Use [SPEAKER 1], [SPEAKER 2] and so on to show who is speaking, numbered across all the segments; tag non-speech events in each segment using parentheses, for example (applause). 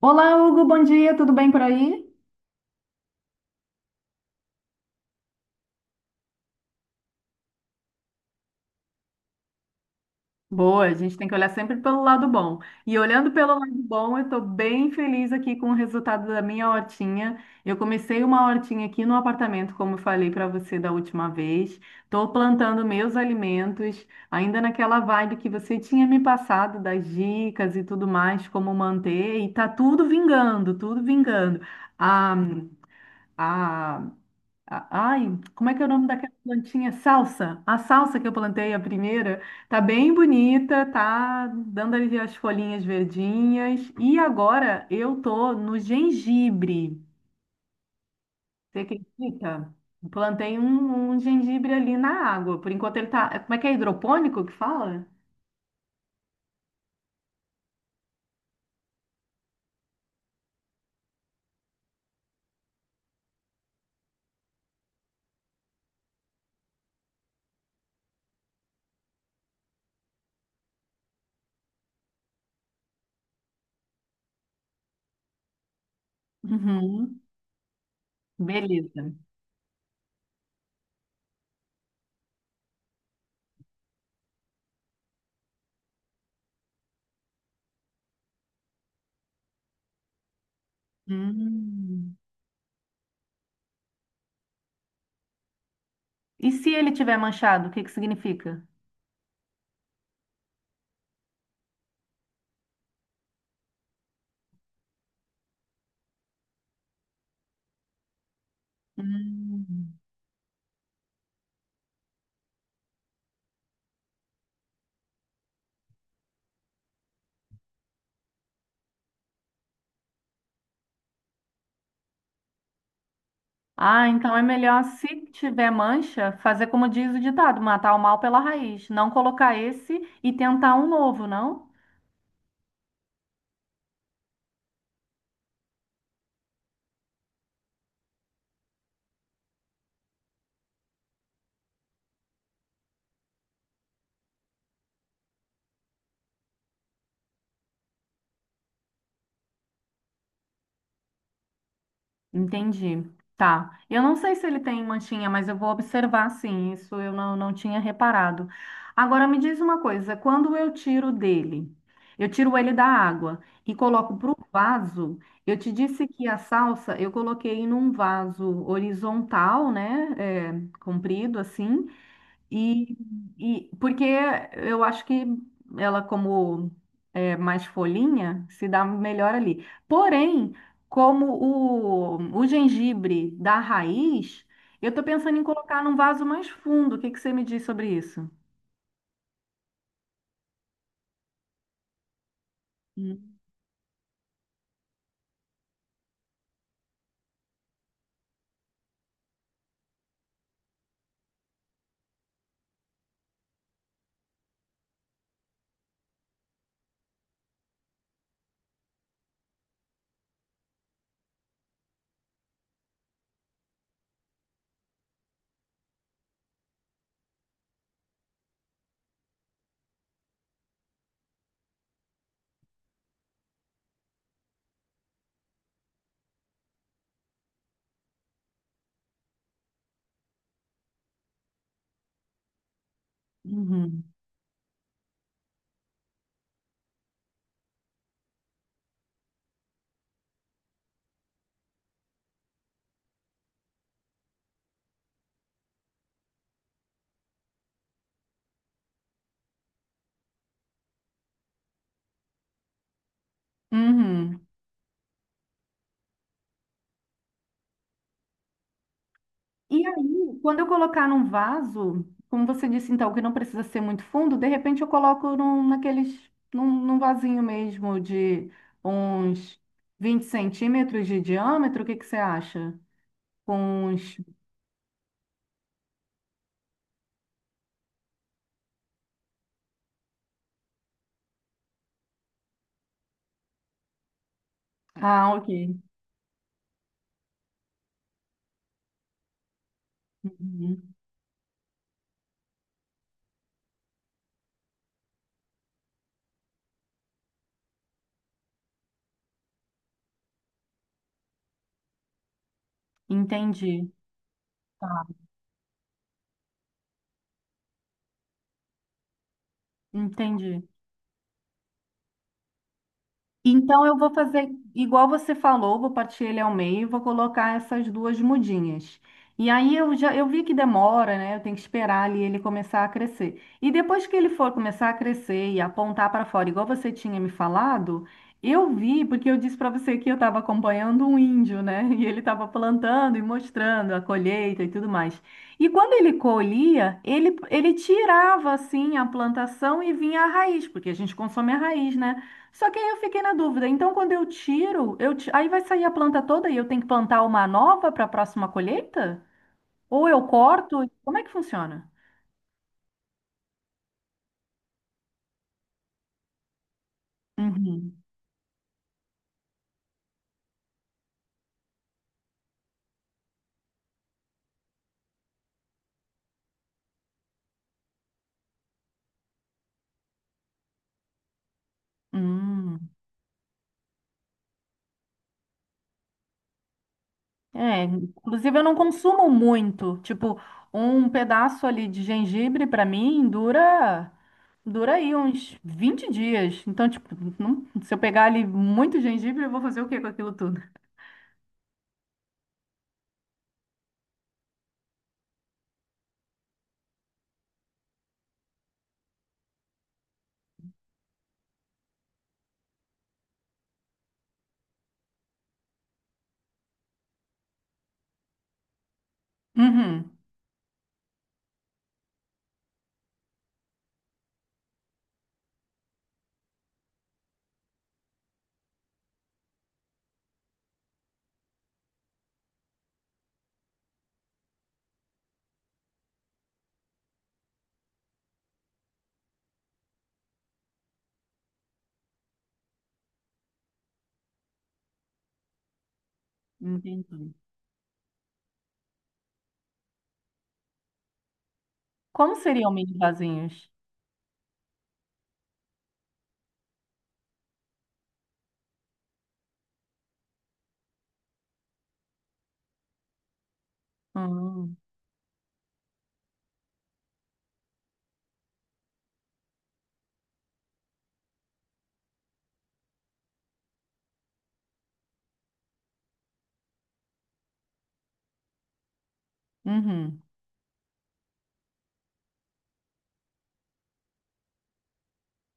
[SPEAKER 1] Olá, Hugo, bom dia, tudo bem por aí? Boa, a gente tem que olhar sempre pelo lado bom. E olhando pelo lado bom, eu estou bem feliz aqui com o resultado da minha hortinha. Eu comecei uma hortinha aqui no apartamento, como eu falei para você da última vez. Estou plantando meus alimentos, ainda naquela vibe que você tinha me passado das dicas e tudo mais, como manter. E tá tudo vingando, tudo vingando. A, a a- Ai, como é que é o nome daquela plantinha? Salsa. A salsa que eu plantei, a primeira, tá bem bonita, tá dando ali as folhinhas verdinhas. E agora eu tô no gengibre. Você acredita? Plantei um gengibre ali na água. Por enquanto ele tá. Como é que é hidropônico que fala? Uhum. Beleza. Hum. E se ele tiver manchado, o que que significa? Hum. Ah, então é melhor, se tiver mancha, fazer como diz o ditado, matar o mal pela raiz. Não colocar esse e tentar um novo, não? Entendi. Tá. Eu não sei se ele tem manchinha, mas eu vou observar sim. Isso eu não tinha reparado. Agora me diz uma coisa: quando eu tiro dele, eu tiro ele da água e coloco para o vaso. Eu te disse que a salsa eu coloquei num vaso horizontal, né? É, comprido assim. E, e porque eu acho que ela, como é mais folhinha, se dá melhor ali. Porém, como o gengibre da raiz, eu tô pensando em colocar num vaso mais fundo. O que que você me diz sobre isso? Hum. Uhum. Uhum. E aí, quando eu colocar num vaso, como você disse então, que não precisa ser muito fundo, de repente eu coloco num vasinho mesmo de uns 20 centímetros de diâmetro, o que que você acha? Com uns... Ah, ok. Uhum. Entendi. Tá. Entendi. Então eu vou fazer igual você falou, vou partir ele ao meio, e vou colocar essas duas mudinhas. E aí eu já eu vi que demora, né? Eu tenho que esperar ali ele começar a crescer. E depois que ele for começar a crescer e apontar para fora, igual você tinha me falado, eu vi porque eu disse para você que eu estava acompanhando um índio, né? (laughs) E ele estava plantando e mostrando a colheita e tudo mais. E quando ele colhia, ele tirava assim a plantação e vinha a raiz, porque a gente consome a raiz, né? Só que aí eu fiquei na dúvida. Então, quando eu tiro, aí vai sair a planta toda e eu tenho que plantar uma nova para a próxima colheita? Ou eu corto? Como é que funciona? Uhum. Hum. É, inclusive eu não consumo muito. Tipo, um pedaço ali de gengibre para mim dura aí uns 20 dias. Então, tipo, não- se eu pegar ali muito gengibre, eu vou fazer o quê com aquilo tudo? Uhum. Entendi. Como seriam meus vasinhos? Hum. Uhum.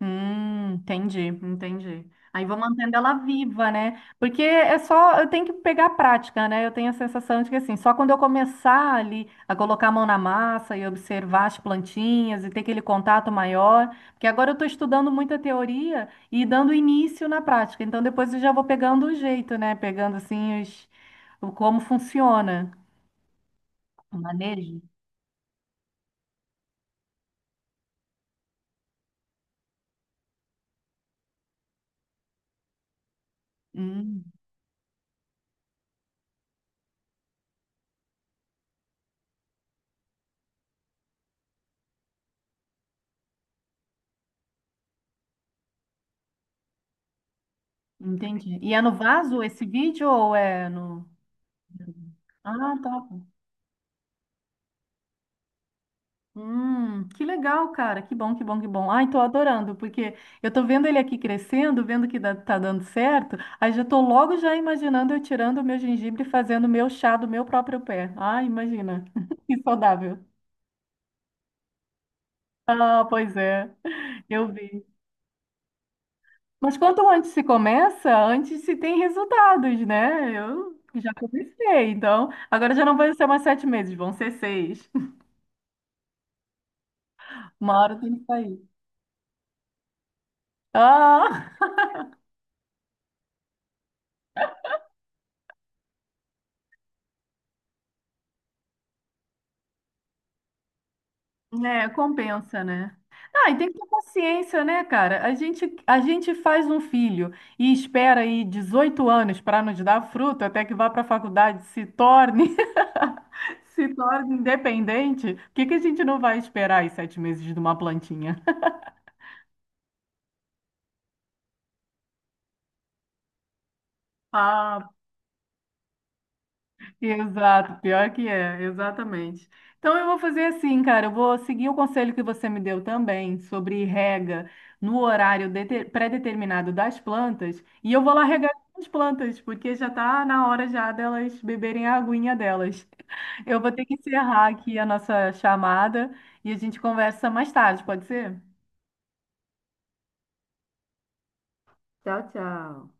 [SPEAKER 1] Entendi, entendi. Aí vou mantendo ela viva, né? Porque é só, eu tenho que pegar a prática, né? Eu tenho a sensação de que assim, só quando eu começar ali a colocar a mão na massa e observar as plantinhas e ter aquele contato maior, porque agora eu estou estudando muita teoria e dando início na prática. Então depois eu já vou pegando o jeito, né? Pegando assim os, o como funciona o manejo. Hum, entendi. E é no vaso esse vídeo ou é no... Ah, tá. Que legal, cara. Que bom, que bom, que bom. Ai, tô adorando, porque eu tô vendo ele aqui crescendo, vendo que tá dando certo. Aí já tô logo já imaginando eu tirando o meu gengibre e fazendo o meu chá do meu próprio pé. Ai, imagina. (laughs) Que saudável. Ah, pois é. Eu vi. Mas quanto antes se começa, antes se tem resultados, né? Eu já comecei, então agora já não vão ser mais sete meses, vão ser seis. (laughs) Uma hora tem que sair. Ah! É, compensa, né? Ah, e tem que ter paciência, né, cara? A gente faz um filho e espera aí 18 anos para nos dar fruto até que vá para a faculdade, se torne, (laughs) se torne independente. Por que que a gente não vai esperar aí sete meses de uma plantinha? (laughs) Ah, exato, pior que é, exatamente. Então eu vou fazer assim, cara, eu vou seguir o conselho que você me deu também sobre rega no horário pré-determinado das plantas e eu vou lá regar as plantas, porque já tá na hora já delas beberem a aguinha delas. (laughs) Eu vou ter que encerrar aqui a nossa chamada e a gente conversa mais tarde, pode ser? Tchau, tchau.